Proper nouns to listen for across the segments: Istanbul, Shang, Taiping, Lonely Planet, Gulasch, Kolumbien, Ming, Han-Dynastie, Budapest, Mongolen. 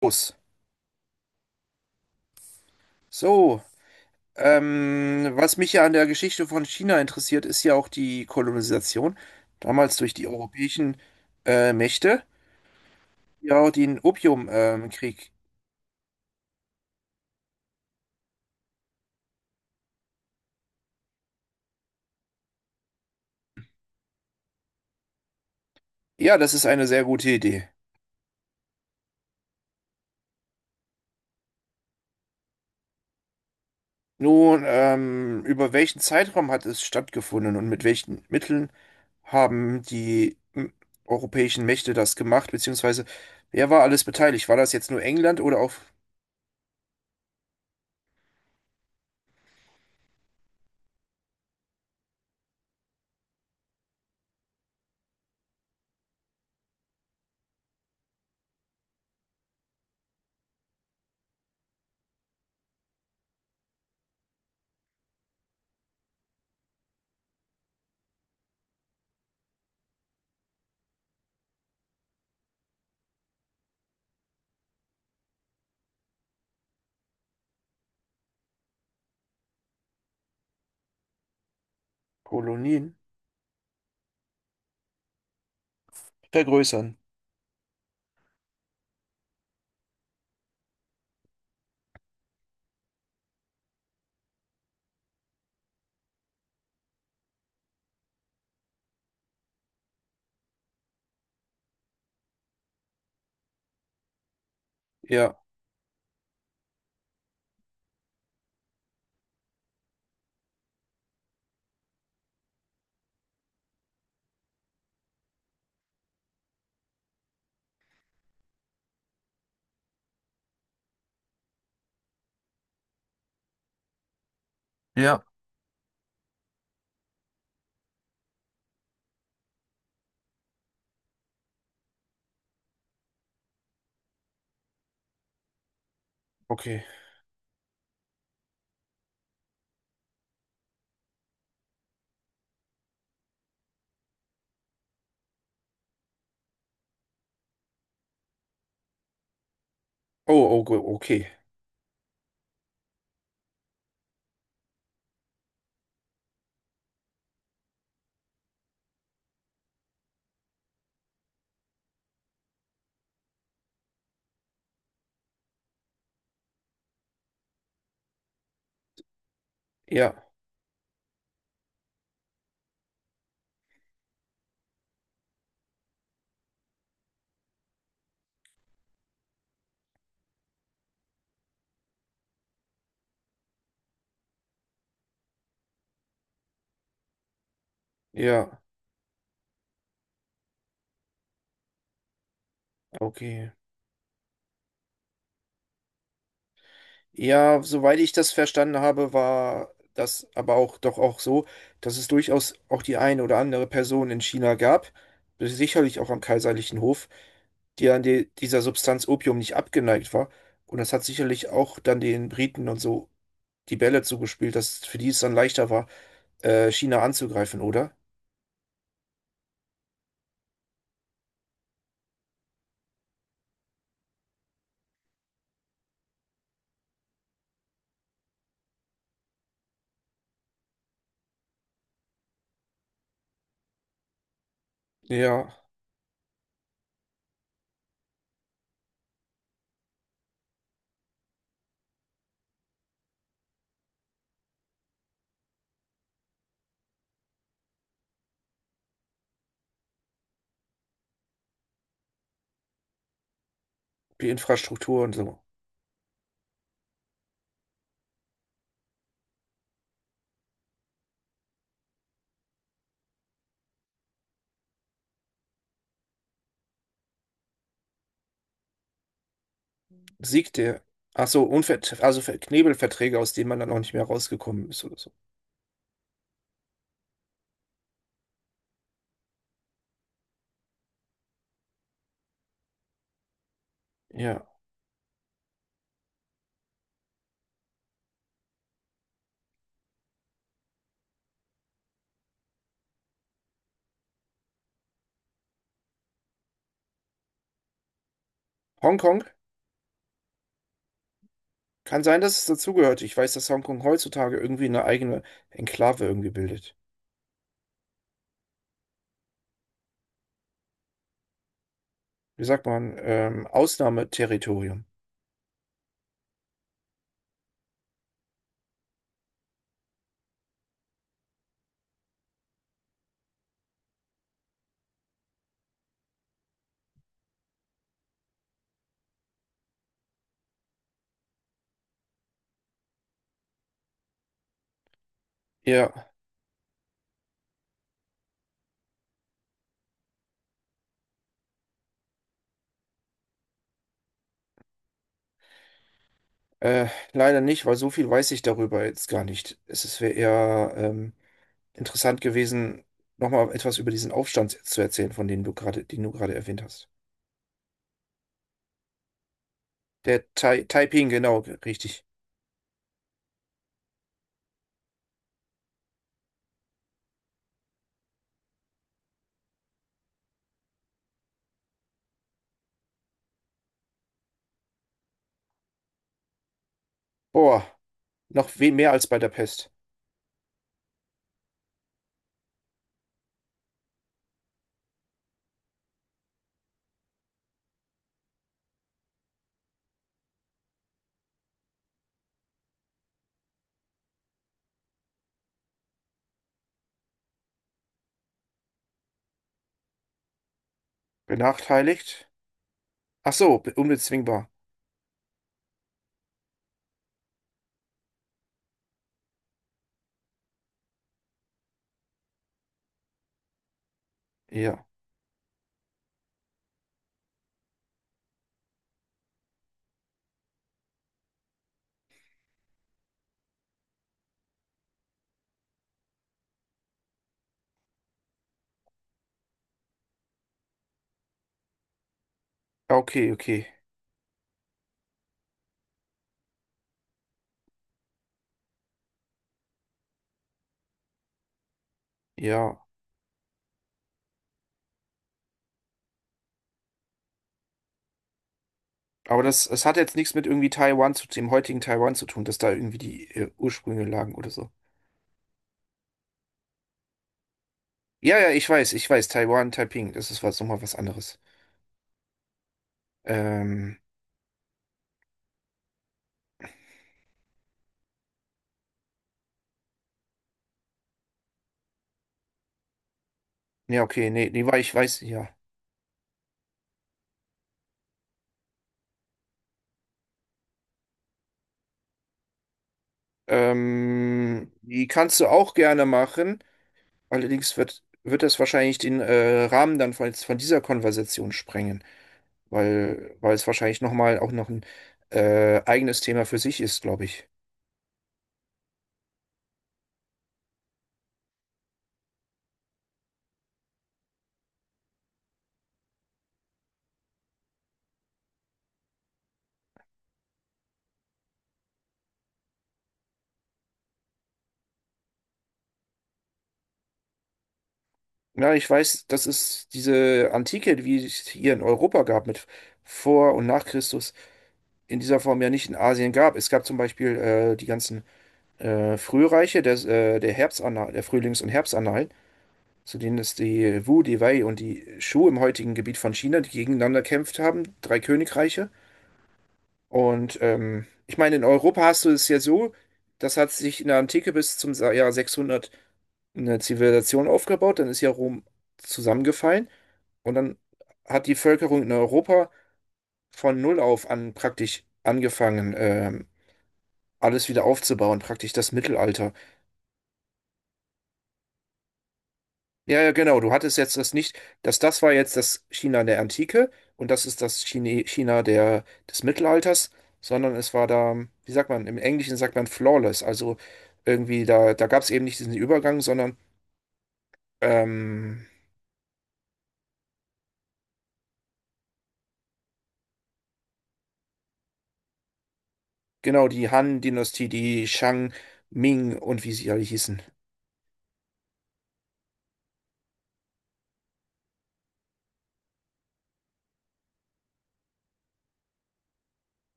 Los. So, was mich ja an der Geschichte von China interessiert, ist ja auch die Kolonisation, damals durch die europäischen Mächte, ja, auch den Opiumkrieg. Ja, das ist eine sehr gute Idee. Nun, über welchen Zeitraum hat es stattgefunden und mit welchen Mitteln haben europäischen Mächte das gemacht, beziehungsweise wer war alles beteiligt? War das jetzt nur England oder auch Kolonien? Vergrößern. Ja. Ja, okay. Oh, okay. Ja, ja, okay. Ja, soweit ich das verstanden habe, war das aber auch doch auch so, dass es durchaus auch die eine oder andere Person in China gab, sicherlich auch am kaiserlichen Hof, die an dieser Substanz Opium nicht abgeneigt war. Und das hat sicherlich auch dann den Briten und so die Bälle zugespielt, dass für die es dann leichter war, China anzugreifen, oder? Ja, die Infrastruktur und so. Siegte. Ach so, Knebelverträge, aus denen man dann auch nicht mehr rausgekommen ist oder so. Ja. Hongkong? Kann sein, dass es dazugehört. Ich weiß, dass Hongkong heutzutage irgendwie eine eigene Enklave irgendwie bildet. Wie sagt man? Ausnahmeterritorium. Ja, äh, leider nicht, weil so viel weiß ich darüber jetzt gar nicht. Es wäre eher interessant gewesen, nochmal etwas über diesen Aufstand zu erzählen, von dem du gerade, den du gerade erwähnt hast. Der Taiping, genau, richtig. Boah, noch viel mehr als bei der Pest. Benachteiligt? Ach so, unbezwingbar. Ja. Ja, okay, okay. Ja. Aber das, es hat jetzt nichts mit irgendwie dem heutigen Taiwan zu tun, dass da irgendwie die Ursprünge lagen oder so. Ja, ja, ich weiß. Taiwan, Taiping, nochmal was anderes. Ähm, ja, okay, nee, nee, war ich weiß, ja. Die kannst du auch gerne machen. Allerdings wird das wahrscheinlich den Rahmen dann von dieser Konversation sprengen. Weil es wahrscheinlich nochmal auch noch ein eigenes Thema für sich ist, glaube ich. Ja, ich weiß, das ist diese Antike, wie es hier in Europa gab, mit vor und nach Christus, in dieser Form ja nicht in Asien gab. Es gab zum Beispiel die ganzen Frühreiche der Herbstannalen, der Frühlings- und Herbstannalen, zu denen es die Wu, die Wei und die Shu im heutigen Gebiet von China, die gegeneinander gekämpft haben, drei Königreiche. Und ich meine, in Europa hast du es ja so, das hat sich in der Antike bis zum Jahr 600 eine Zivilisation aufgebaut, dann ist ja Rom zusammengefallen und dann hat die Völkerung in Europa von null auf an praktisch angefangen, alles wieder aufzubauen, praktisch das Mittelalter. Ja, ja, genau. Du hattest jetzt das nicht, dass das war jetzt das China der Antike und das ist das Chine, China des Mittelalters, sondern es war da, wie sagt man, im Englischen sagt man flawless. Also irgendwie, da gab es eben nicht diesen Übergang, sondern ähm, genau die Han-Dynastie, die Shang, Ming und wie sie alle hießen.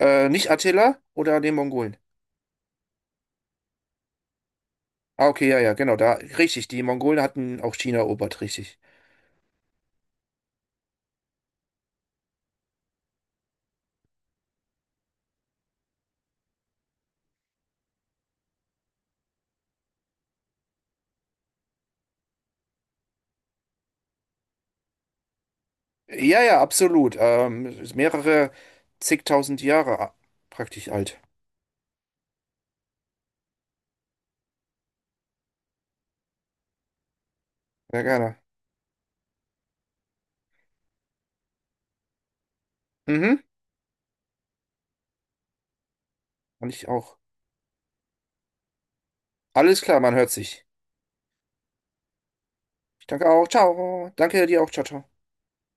Nicht Attila oder den Mongolen? Ah, okay, ja, ja, genau, da, richtig. Die Mongolen hatten auch China erobert, richtig. Ja, ja, absolut. Ist mehrere zigtausend Jahre praktisch alt. Sehr gerne. Mhm. Und ich auch. Alles klar, man hört sich. Ich danke auch. Ciao. Danke dir auch. Ciao, ciao.